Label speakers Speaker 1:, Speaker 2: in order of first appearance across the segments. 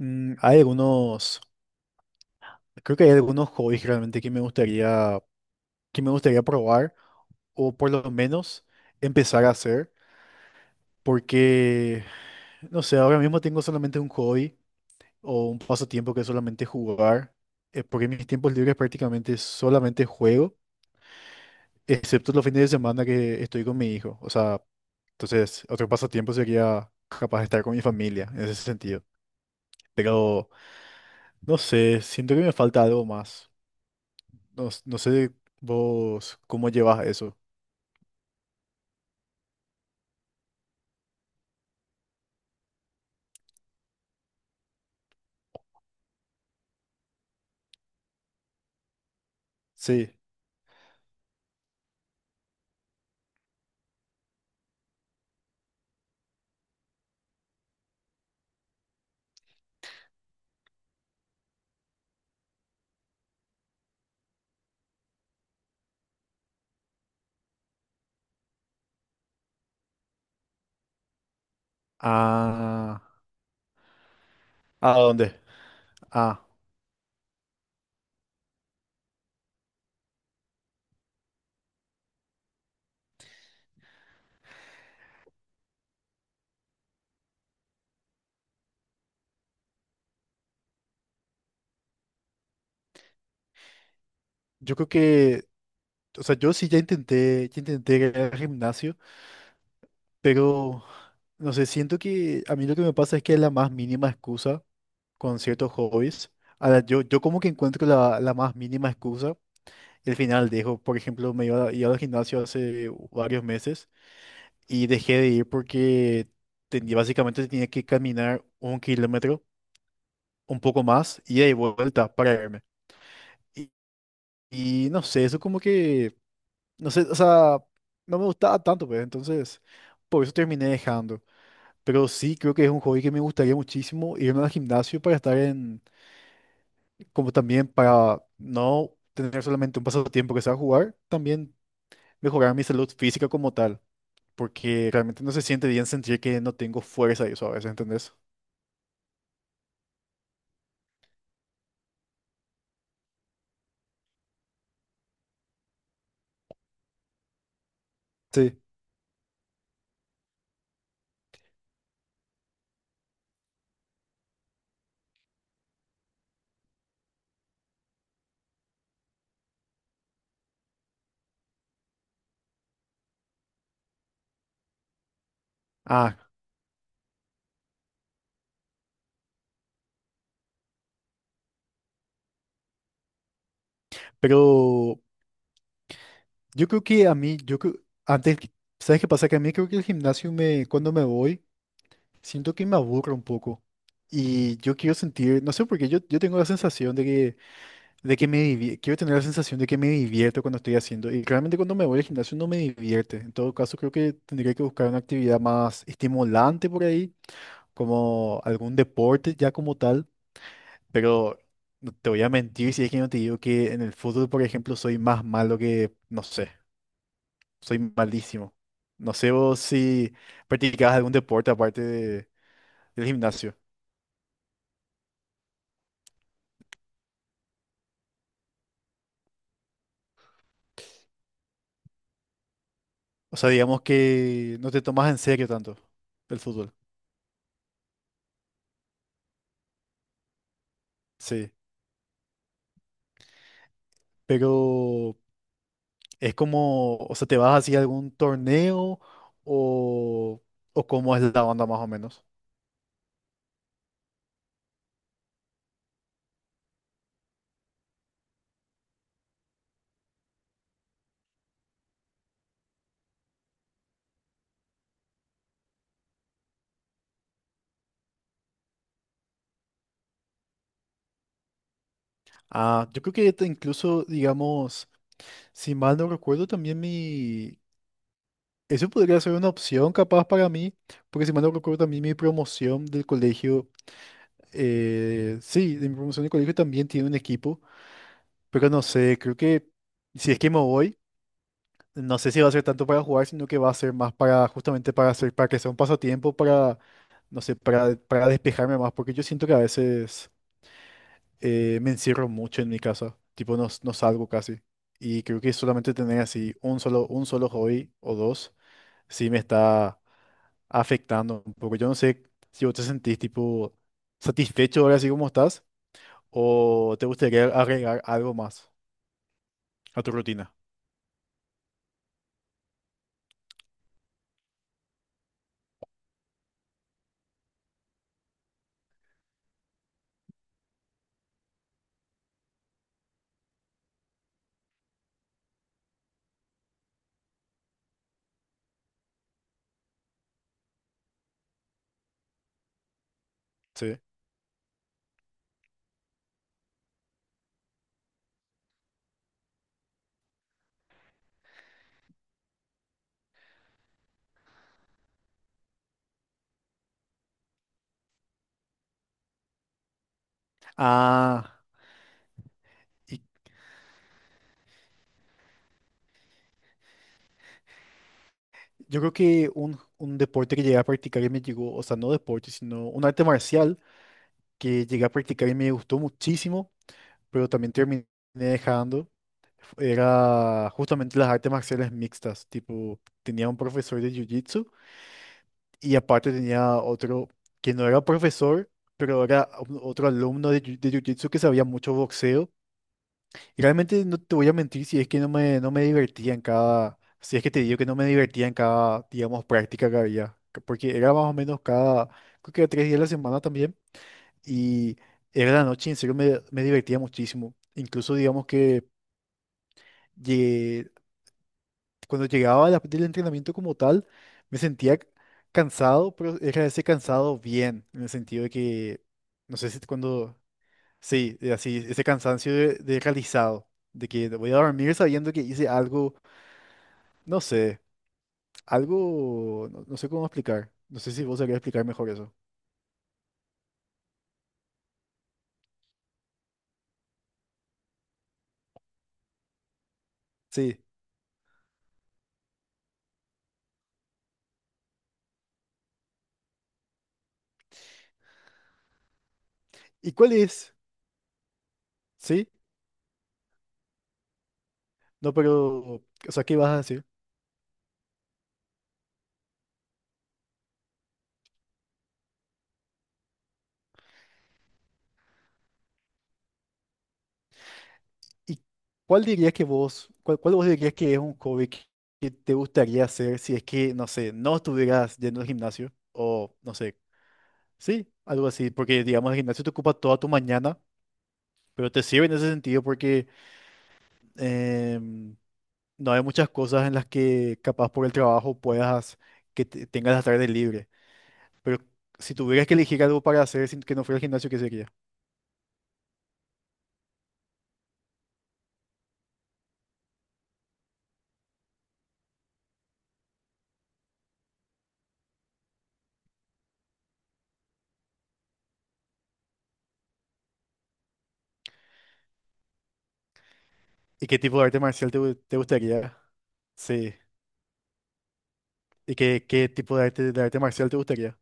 Speaker 1: Hay algunos, creo que hay algunos hobbies realmente que me gustaría probar o por lo menos empezar a hacer, porque, no sé, ahora mismo tengo solamente un hobby o un pasatiempo que es solamente jugar, porque en mis tiempos libres prácticamente solamente juego, excepto los fines de semana que estoy con mi hijo. O sea, entonces otro pasatiempo sería capaz de estar con mi familia en ese sentido. Pero, no sé, siento que me falta algo más. No, no sé vos cómo llevas eso. Sí. Ah, ¿a dónde? Ah, yo creo que, o sea, yo sí ya intenté ir al gimnasio, pero no sé, siento que a mí lo que me pasa es que la más mínima excusa con ciertos hobbies. A la Yo como que encuentro la más mínima excusa y al final dejo. Por ejemplo, iba al gimnasio hace varios meses y dejé de ir porque básicamente tenía que caminar 1 kilómetro. Un poco más, ida y vuelta para irme. Y, y no sé, eso como que, no sé, o sea, no me gustaba tanto, pues, entonces, por eso terminé dejando. Pero sí, creo que es un hobby que me gustaría muchísimo irme al gimnasio para estar en, como también para no tener solamente un pasatiempo que sea jugar, también mejorar mi salud física como tal, porque realmente no se siente bien sentir que no tengo fuerza y eso a veces, ¿entendés? Sí. Ah, pero yo creo que a mí, yo creo, antes, que- ¿sabes qué pasa? Que a mí creo que cuando me voy, siento que me aburro un poco. Y yo quiero sentir, no sé por qué, yo tengo la sensación de que me divierto, quiero tener la sensación de que me divierto cuando estoy haciendo. Y realmente cuando me voy al gimnasio no me divierte. En todo caso, creo que tendría que buscar una actividad más estimulante por ahí, como algún deporte ya como tal. Pero no te voy a mentir si es que no te digo que en el fútbol, por ejemplo, soy más malo que, no sé. Soy malísimo. No sé vos si practicabas algún deporte aparte de- del gimnasio. O sea, digamos que no te tomas en serio tanto el fútbol. Sí. Pero es como, o sea, ¿te vas así a algún torneo o, o cómo es la onda más o menos? Ah, yo creo que incluso, digamos, si mal no recuerdo, también mi... Eso podría ser una opción capaz para mí, porque si mal no recuerdo, también mi promoción del colegio. Sí, de mi promoción de colegio también tiene un equipo, pero no sé, creo que si es que me voy, no sé si va a ser tanto para jugar, sino que va a ser más para justamente para hacer, para que sea un pasatiempo, para, no sé, para despejarme más, porque yo siento que a veces me encierro mucho en mi casa, tipo no, no salgo casi, y creo que solamente tener así un solo hobby o dos, sí me está afectando un poco. Yo no sé si vos te sentís tipo satisfecho ahora así como estás. ¿O te gustaría agregar algo más a tu rutina? Sí. Ah, y yo creo que un deporte que llegué a practicar y me llegó, o sea, no deporte, sino un arte marcial que llegué a practicar y me gustó muchísimo, pero también terminé dejando, era justamente las artes marciales mixtas, tipo, tenía un profesor de jiu-jitsu y aparte tenía otro que no era profesor, pero era otro alumno de jiu-jitsu que sabía mucho boxeo. Realmente no te voy a mentir si es que no me divertía en cada, si es que te digo que no me divertía en cada, digamos, práctica que había, porque era más o menos cada, creo que era 3 días a la semana también, y era la noche, y en serio me divertía muchísimo. Incluso digamos que llegué- cuando llegaba del entrenamiento como tal, me sentía cansado, pero era ese cansado bien, en el sentido de que, no sé si cuando, sí, así, ese cansancio de realizado de que voy a dormir sabiendo que hice algo. No sé, algo, no, no sé cómo explicar. No sé si vos sabrías explicar mejor eso. Sí. ¿Y cuál es? Sí, no, pero, o sea, ¿qué vas a decir? ¿Y cuál dirías que vos, cuál vos dirías que es un hobby que te gustaría hacer si es que, no sé, no estuvieras yendo al gimnasio? O, no sé, sí, algo así, porque digamos el gimnasio te ocupa toda tu mañana, pero te sirve en ese sentido porque em, no hay muchas cosas en las que capaz por el trabajo puedas, que tengas la tarde libre. Pero si tuvieras que elegir algo para hacer sin que no fuera el gimnasio, ¿qué sería? ¿Y qué tipo de arte marcial te gustaría? Sí. ¿Y qué, qué tipo de arte marcial te gustaría?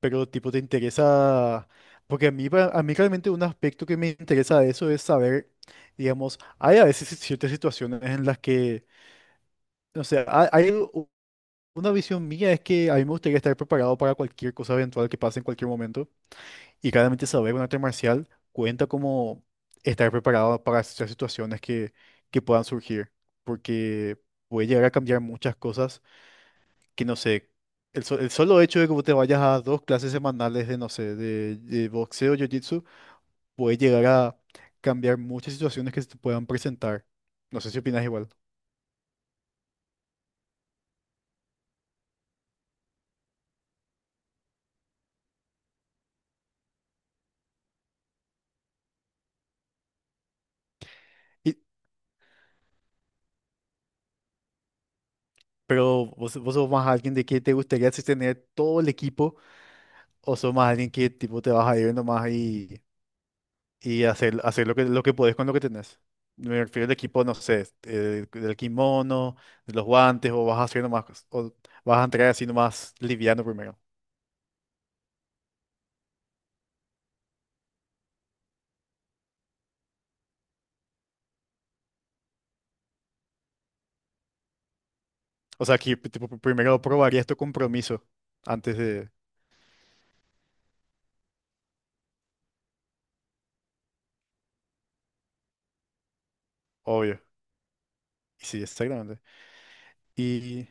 Speaker 1: Pero tipo, ¿te interesa? Porque a mí, a mí realmente un aspecto que me interesa de eso es saber, digamos, hay a veces ciertas situaciones en las que, no sé, hay, una visión mía es que a mí me gustaría estar preparado para cualquier cosa eventual que pase en cualquier momento. Y claramente saber un arte marcial cuenta como estar preparado para ciertas situaciones que puedan surgir, porque puede llegar a cambiar muchas cosas que no sé. El solo hecho de que vos te vayas a 2 clases semanales de, no sé, de boxeo, jiu-jitsu, puede llegar a cambiar muchas situaciones que se te puedan presentar. No sé si opinas igual. Y- pero vos, vos sos más alguien de que te gustaría así tener todo el equipo o sos más alguien que tipo te vas a ir nomás y hacer, hacer lo que podés con lo que tenés. Me refiero al equipo, no sé, del kimono, de los guantes, o vas a hacer nomás, o vas a entrar así nomás liviano primero. O sea, que tipo, primero probarías tu compromiso antes de, obvio. Sí, exactamente. Y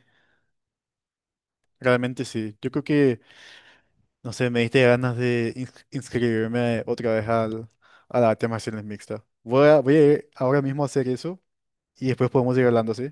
Speaker 1: realmente sí. Yo creo que, no sé, me diste ganas de inscribirme otra vez al, a la arte marciales mixta. Voy a ir ahora mismo a hacer eso y después podemos ir hablando, ¿sí?